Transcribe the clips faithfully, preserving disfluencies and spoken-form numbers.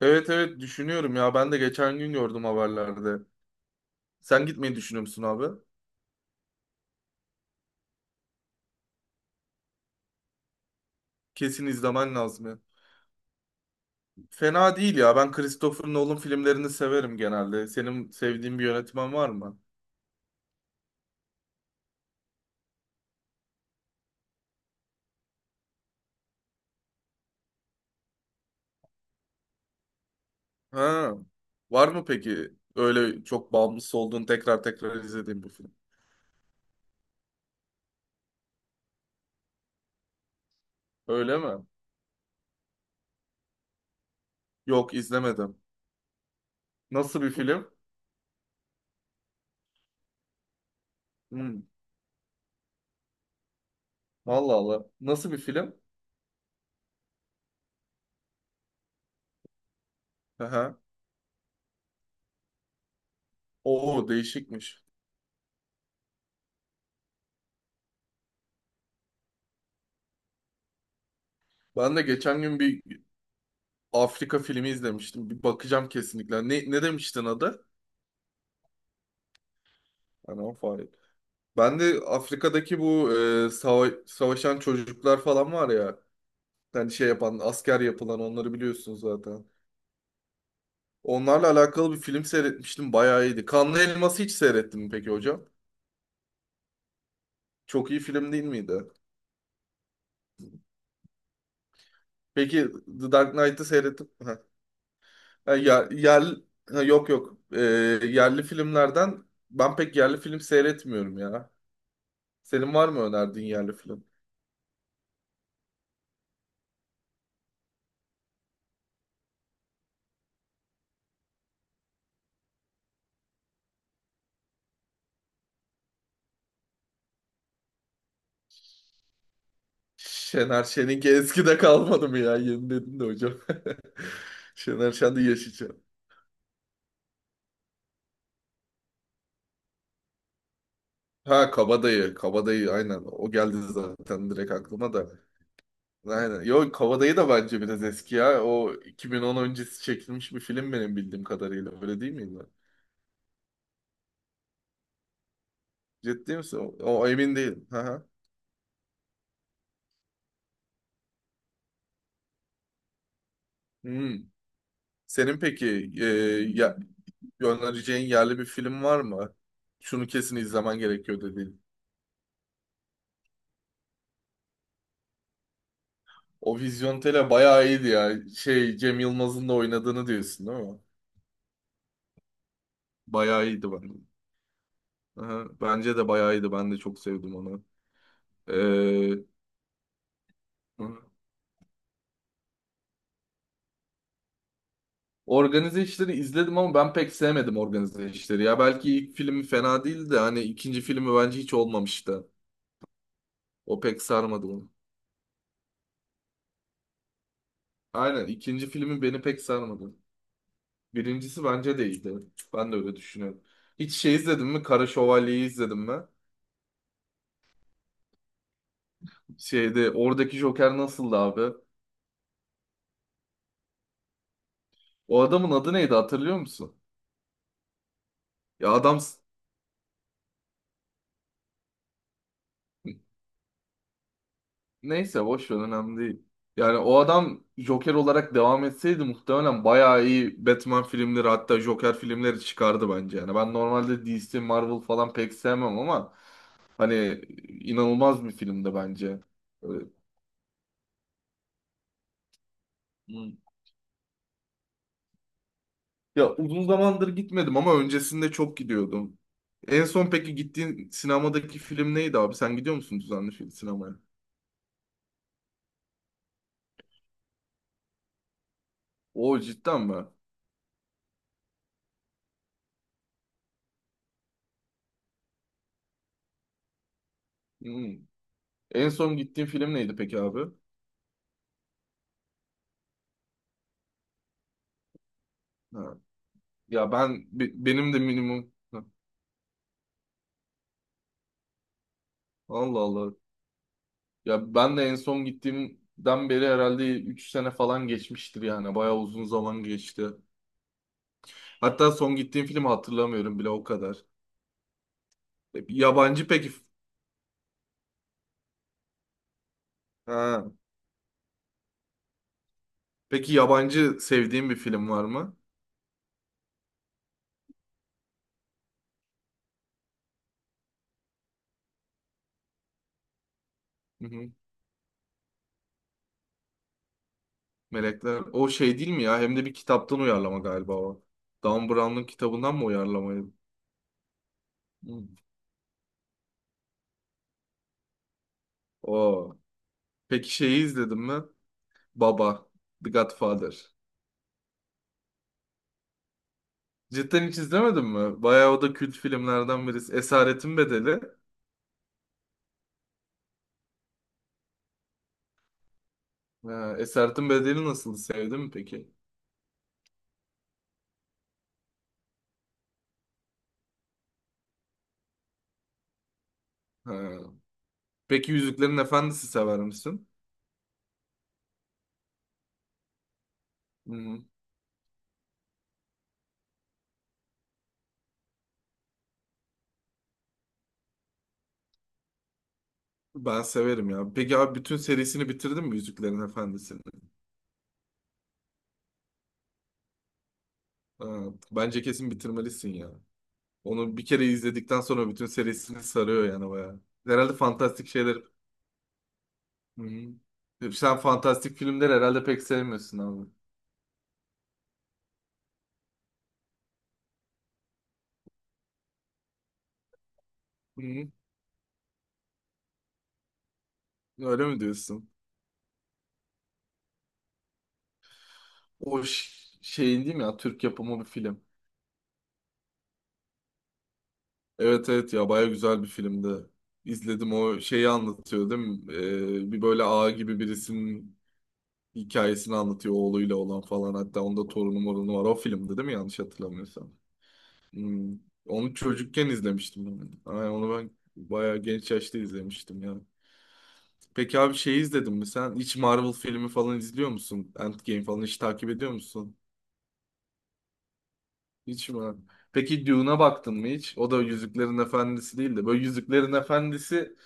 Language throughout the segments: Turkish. Evet evet düşünüyorum ya. Ben de geçen gün gördüm haberlerde. Sen gitmeyi düşünüyor musun abi? Kesin izlemen lazım ya. Fena değil ya. Ben Christopher Nolan filmlerini severim genelde. Senin sevdiğin bir yönetmen var mı? Ha. Var mı peki? Öyle çok bağımlısı olduğun tekrar tekrar izlediğin bir film. Öyle mi? Yok izlemedim. Nasıl bir film? Hmm. Allah Allah. Nasıl bir film? Aha. Oo değişikmiş. Ben de geçen gün bir Afrika filmi izlemiştim. Bir bakacağım kesinlikle. Ne, ne demiştin adı? Hani o fare. Ben de Afrika'daki bu e, sava- savaşan çocuklar falan var ya. Hani şey yapan, asker yapılan onları biliyorsunuz zaten. Onlarla alakalı bir film seyretmiştim. Bayağı iyiydi. Kanlı Elmas'ı hiç seyrettin mi peki hocam? Çok iyi film değil miydi? Peki The Dark Knight'ı seyrettim. Ha, ya, yer, ha, yok yok. E, yerli filmlerden ben pek yerli film seyretmiyorum ya. Senin var mı önerdiğin yerli film? Şener Şen'inki eskide kalmadı mı ya? Yeni dedin de hocam. Şener Şen de yaşayacak. Ha Kabadayı. Kabadayı aynen. O geldi zaten direkt aklıma da. Aynen. Yo Kabadayı da bence biraz eski ya. O iki bin on öncesi çekilmiş bir film benim bildiğim kadarıyla. Öyle değil miydi? Ciddi misin? O, o emin değilim. Hı hı. Hmm. Senin peki e, ya, önereceğin yerli bir film var mı? Şunu kesin izlemen gerekiyor dedi. O Vizyon Tele bayağı iyiydi ya. Şey Cem Yılmaz'ın da oynadığını diyorsun değil mi? Bayağı iyiydi ben. Aha, bence de bayağı iyiydi. Ben de çok sevdim onu. Ee, organize işleri izledim ama ben pek sevmedim organize işleri. Ya belki ilk filmi fena değildi de hani ikinci filmi bence hiç olmamıştı. O pek sarmadı onu. Aynen ikinci filmi beni pek sarmadı. Birincisi bence de iyiydi. Ben de öyle düşünüyorum. Hiç şey izledim mi? Kara Şövalye'yi izledim mi? Şeyde oradaki Joker nasıldı abi? O adamın adı neydi hatırlıyor musun? Ya adam neyse boş ver önemli değil. Yani o adam Joker olarak devam etseydi muhtemelen bayağı iyi Batman filmleri hatta Joker filmleri çıkardı bence. Yani ben normalde D C, Marvel falan pek sevmem ama hani inanılmaz bir filmdi bence. Evet. Hmm. Ya uzun zamandır gitmedim ama öncesinde çok gidiyordum. En son peki gittiğin sinemadaki film neydi abi? Sen gidiyor musun düzenli film sinemaya? O cidden mi? Hmm. En son gittiğin film neydi peki abi? Ha. Ya ben be- benim de minimum Ha. Allah Allah. Ya ben de en son gittiğimden beri herhalde üç sene falan geçmiştir yani. Bayağı uzun zaman geçti. Hatta son gittiğim filmi hatırlamıyorum bile o kadar. E, Yabancı peki ha. Peki yabancı sevdiğin bir film var mı? Hı hı. Melekler. O şey değil mi ya? Hem de bir kitaptan uyarlama galiba o. Dan Brown'un kitabından mı uyarlamaydı? Hı. O. Peki şeyi izledin mi? Baba, The Godfather. Cidden hiç izlemedin mi? Bayağı o da kült filmlerden birisi. Esaretin Bedeli. Ha, Esaretin Bedeli nasıl sevdin mi peki? Ha. Peki Yüzüklerin Efendisi sever misin? Hmm, Ben severim ya. Peki abi bütün serisini bitirdin mi Yüzüklerin Efendisi'ni? Ha, Bence kesin bitirmelisin ya. Onu bir kere izledikten sonra bütün serisini sarıyor yani bayağı. Herhalde fantastik şeyler... Hı-hı. Sen fantastik filmleri herhalde pek sevmiyorsun abi. Hı-hı. Öyle mi diyorsun? O ş- şeyin değil mi ya Türk yapımı bir film. Evet evet ya baya güzel bir filmdi. İzledim o şeyi anlatıyor değil mi? Ee, bir böyle ağa gibi birisinin hikayesini anlatıyor oğluyla olan falan. Hatta onda torunu morunu var. O filmdi değil mi yanlış hatırlamıyorsam? Hmm. Onu çocukken izlemiştim ben. Ay, onu ben baya genç yaşta izlemiştim ya. Peki abi şeyi izledin mi sen? Hiç Marvel filmi falan izliyor musun? Endgame falan hiç takip ediyor musun? Hiç mi? Peki Dune'a baktın mı hiç? O da Yüzüklerin Efendisi değil de böyle Yüzüklerin Efendisi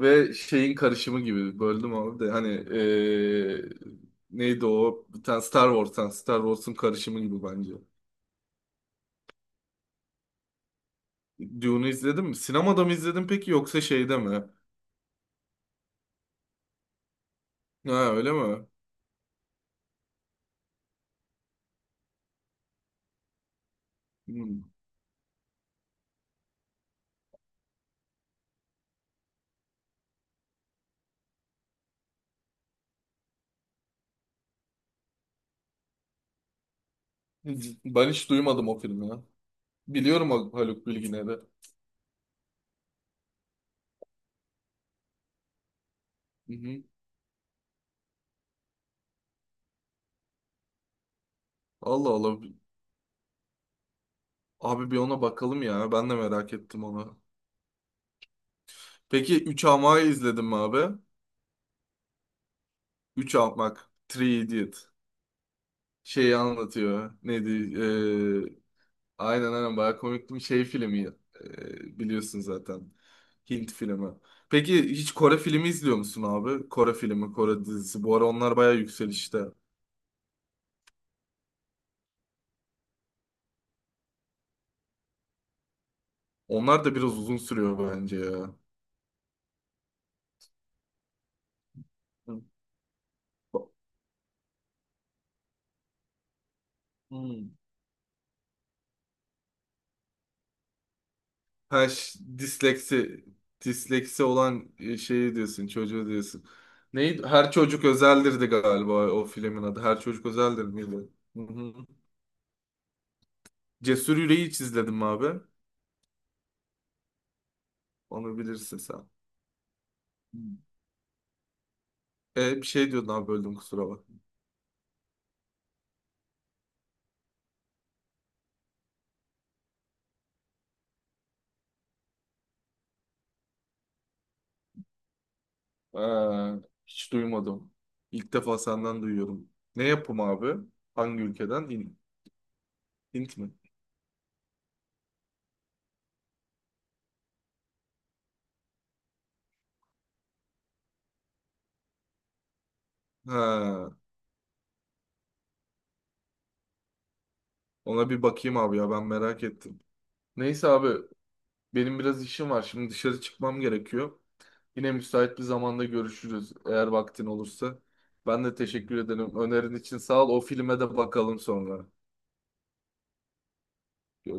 ve şeyin karışımı gibi böldüm abi de hani eee, neydi o? Bir tane Star Wars, yani Star Wars'un karışımı gibi bence. Dune'u izledin mi? Sinemada mı izledin peki yoksa şeyde mi? Ha öyle mi? Hmm. Ben hiç duymadım o filmi ya. Biliyorum o Haluk Bilginer'i. Hı hı. Allah Allah. Abi bir ona bakalım ya. Ben de merak ettim onu. Peki üç Ama'yı izledin mi abi? Üç Almak. Three Idiot. Şeyi anlatıyor. Neydi? Ee, aynen aynen bayağı komikti bir şey filmi. Ee, biliyorsun zaten. Hint filmi. Peki hiç Kore filmi izliyor musun abi? Kore filmi, Kore dizisi. Bu ara onlar bayağı yükselişte. Onlar da biraz uzun sürüyor bence ya. Hı. Hmm. Ha, ş- disleksi disleksi olan e, şeyi diyorsun, çocuğu diyorsun. Neydi? Her çocuk özeldirdi galiba o filmin adı. Her çocuk özeldir miydi? Hı hı. Cesur Yüreği hiç izledim abi. Onu bilirsin sen. Hmm. E bir şey diyordun abi böldüm kusura bak. Ee, hiç duymadım. İlk defa senden duyuyorum. Ne yapım abi? Hangi ülkeden? Hint, Hint mi? Ha, ona bir bakayım abi ya ben merak ettim. Neyse abi benim biraz işim var. Şimdi dışarı çıkmam gerekiyor. Yine müsait bir zamanda görüşürüz eğer vaktin olursa. Ben de teşekkür ederim. Önerin için sağ ol. O filme de bakalım sonra. Görüşürüz.